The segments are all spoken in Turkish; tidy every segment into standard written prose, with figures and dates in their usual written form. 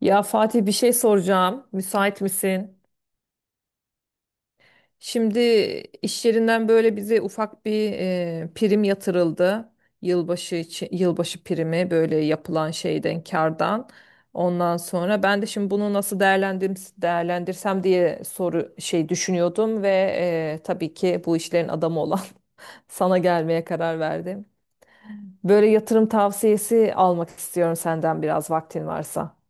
Ya Fatih bir şey soracağım. Müsait misin? Şimdi iş yerinden böyle bize ufak bir prim yatırıldı. Yılbaşı için, yılbaşı primi böyle yapılan şeyden kardan. Ondan sonra ben de şimdi bunu nasıl değerlendirim, değerlendirsem diye soru şey düşünüyordum ve tabii ki bu işlerin adamı olan sana gelmeye karar verdim. Böyle yatırım tavsiyesi almak istiyorum senden biraz vaktin varsa.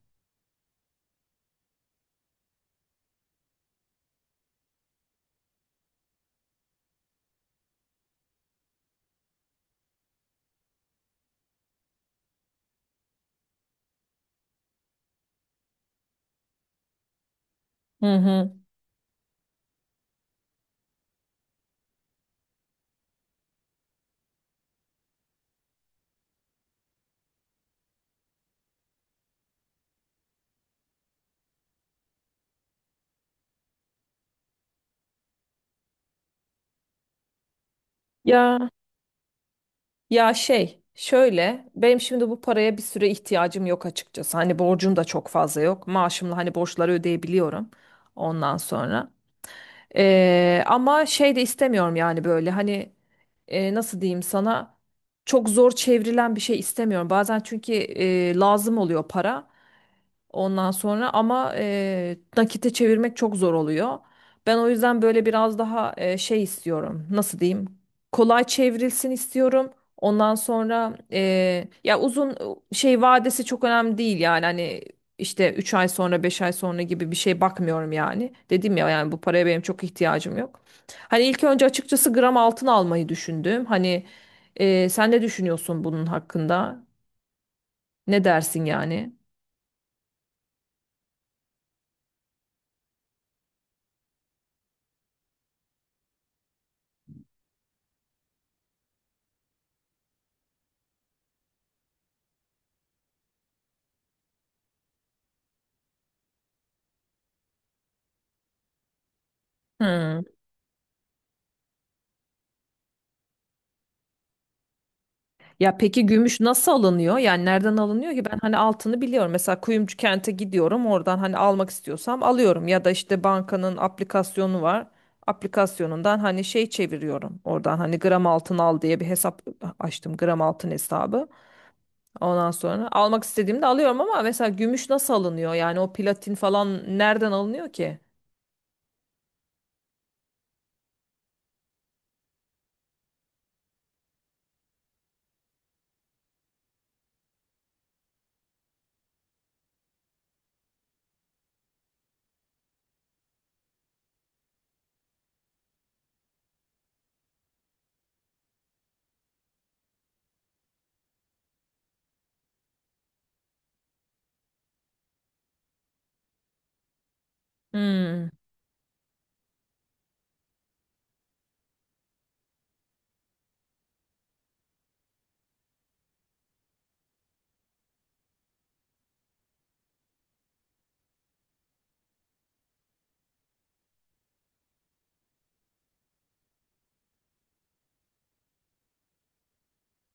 Hı hı. Ya ya şey şöyle benim şimdi bu paraya bir süre ihtiyacım yok açıkçası. Hani borcum da çok fazla yok. Maaşımla hani borçları ödeyebiliyorum ondan sonra. Ama şey de istemiyorum yani böyle hani nasıl diyeyim sana çok zor çevrilen bir şey istemiyorum. Bazen çünkü lazım oluyor para. Ondan sonra ama nakite çevirmek çok zor oluyor. Ben o yüzden böyle biraz daha şey istiyorum. Nasıl diyeyim? Kolay çevrilsin istiyorum. Ondan sonra ya uzun şey vadesi çok önemli değil yani hani işte 3 ay sonra 5 ay sonra gibi bir şey bakmıyorum yani. Dedim ya yani bu paraya benim çok ihtiyacım yok. Hani ilk önce açıkçası gram altın almayı düşündüm. Hani sen ne düşünüyorsun bunun hakkında? Ne dersin yani? Hmm. Ya peki gümüş nasıl alınıyor? Yani nereden alınıyor ki? Ben hani altını biliyorum. Mesela kuyumcu kente gidiyorum. Oradan hani almak istiyorsam alıyorum. Ya da işte bankanın aplikasyonu var. Aplikasyonundan hani şey çeviriyorum. Oradan hani gram altın al diye bir hesap açtım. Gram altın hesabı. Ondan sonra almak istediğimde alıyorum ama mesela gümüş nasıl alınıyor? Yani o platin falan nereden alınıyor ki? Hmm.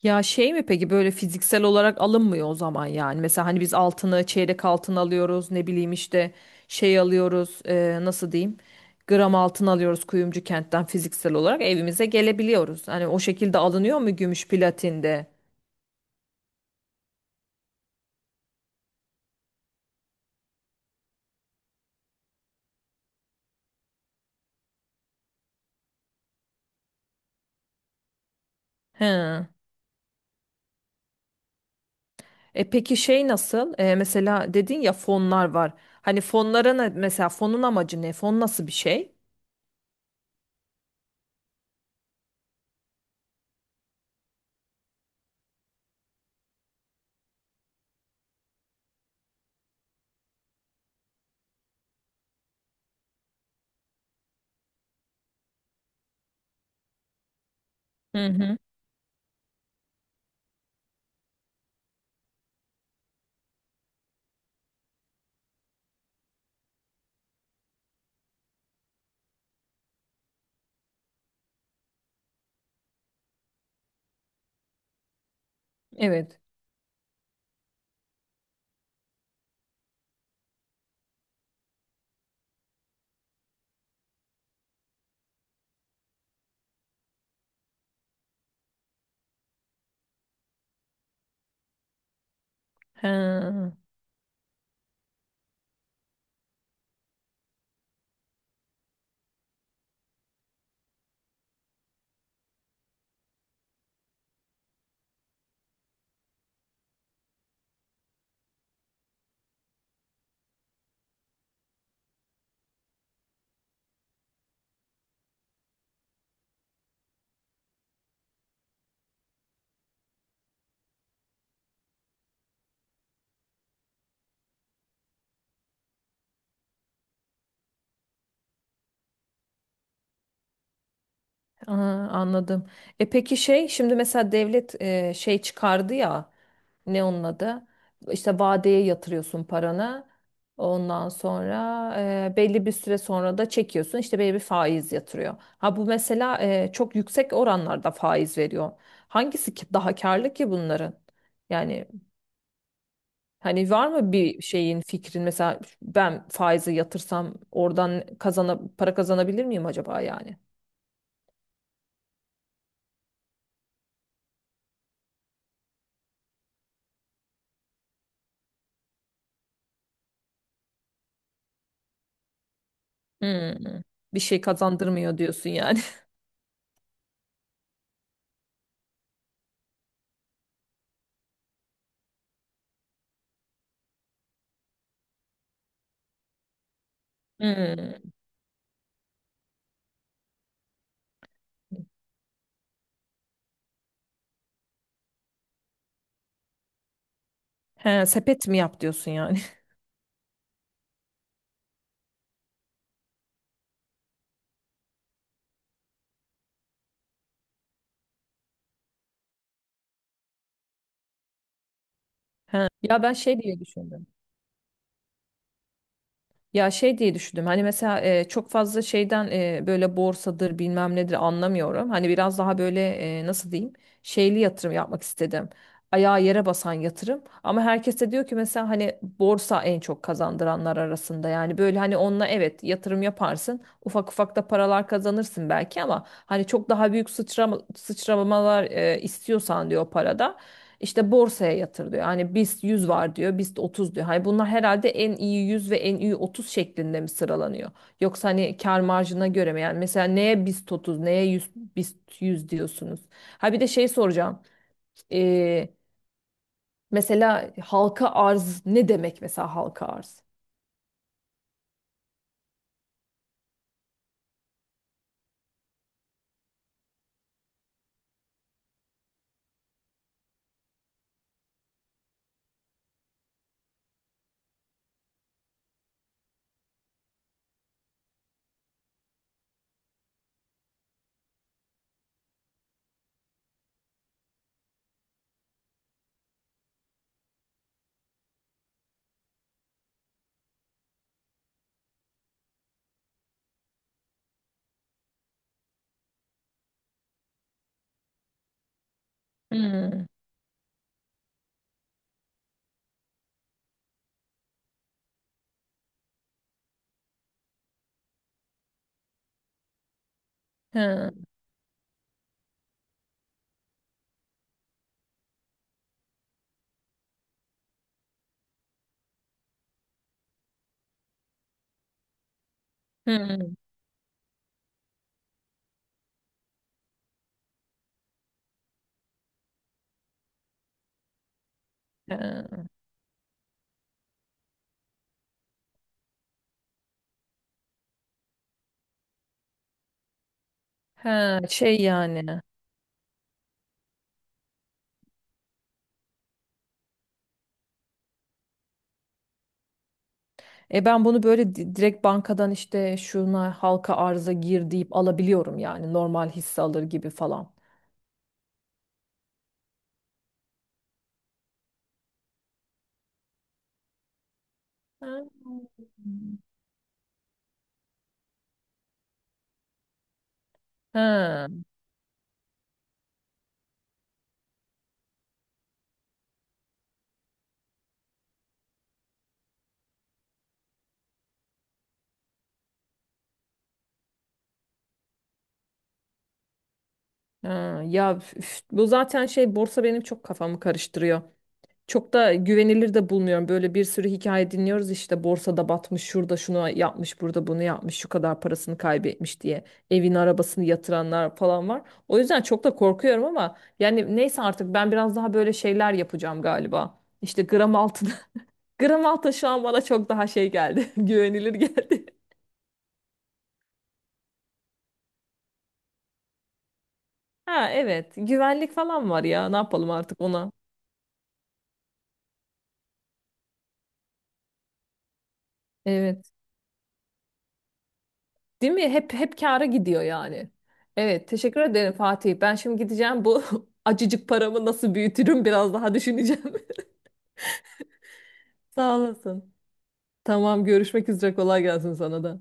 Ya şey mi peki böyle fiziksel olarak alınmıyor o zaman yani. Mesela hani biz altını çeyrek altın alıyoruz ne bileyim işte şey alıyoruz nasıl diyeyim gram altın alıyoruz kuyumcu kentten fiziksel olarak evimize gelebiliyoruz. Hani o şekilde alınıyor mu gümüş platinde? He. E peki şey nasıl? E, mesela dedin ya fonlar var. Hani fonlara ne, mesela fonun amacı ne? Fon nasıl bir şey? Hı hı. Evet. He. Aa, anladım. E peki şey şimdi mesela devlet şey çıkardı ya ne onun adı? İşte vadeye yatırıyorsun paranı. Ondan sonra belli bir süre sonra da çekiyorsun işte belli bir faiz yatırıyor. Ha bu mesela çok yüksek oranlarda faiz veriyor. Hangisi ki daha karlı ki bunların? Yani hani var mı bir şeyin fikrin mesela ben faizi yatırsam oradan para kazanabilir miyim acaba yani? Hmm. Bir şey kazandırmıyor diyorsun yani. Hmm. He, sepet mi yap diyorsun yani? Ya ben şey diye düşündüm. Ya şey diye düşündüm hani mesela çok fazla şeyden böyle borsadır bilmem nedir anlamıyorum. Hani biraz daha böyle nasıl diyeyim şeyli yatırım yapmak istedim. Ayağı yere basan yatırım. Ama herkes de diyor ki mesela hani borsa en çok kazandıranlar arasında. Yani böyle hani onunla evet yatırım yaparsın ufak ufak da paralar kazanırsın belki ama hani çok daha büyük sıçramalar istiyorsan diyor parada. İşte borsaya yatır diyor. Hani BIST 100 var diyor, BIST 30 diyor. Hani bunlar herhalde en iyi 100 ve en iyi 30 şeklinde mi sıralanıyor? Yoksa hani kar marjına göre mi? Yani mesela neye BIST 30, neye BIST 100 diyorsunuz? Ha bir de şey soracağım. Ee, mesela halka arz ne demek mesela halka arz? Hmm, hı, hı, hı, hı. Şey yani. E ben bunu böyle direkt bankadan işte şuna halka arza gir deyip alabiliyorum yani normal hisse alır gibi falan. Ha. Ha, ha. Ya üf, bu zaten şey borsa benim çok kafamı karıştırıyor. Çok da güvenilir de bulmuyorum. Böyle bir sürü hikaye dinliyoruz işte borsada batmış, şurada şunu yapmış, burada bunu yapmış, şu kadar parasını kaybetmiş diye evin arabasını yatıranlar falan var. O yüzden çok da korkuyorum ama yani neyse artık ben biraz daha böyle şeyler yapacağım galiba. İşte gram altın. Gram altın şu an bana çok daha şey geldi. Güvenilir geldi. Ha evet, güvenlik falan var ya. Ne yapalım artık ona? Evet. Değil mi? Hep hep kâra gidiyor yani. Evet, teşekkür ederim Fatih. Ben şimdi gideceğim bu acıcık paramı nasıl büyütürüm biraz daha düşüneceğim. Sağ olasın. Tamam, görüşmek üzere. Kolay gelsin sana da.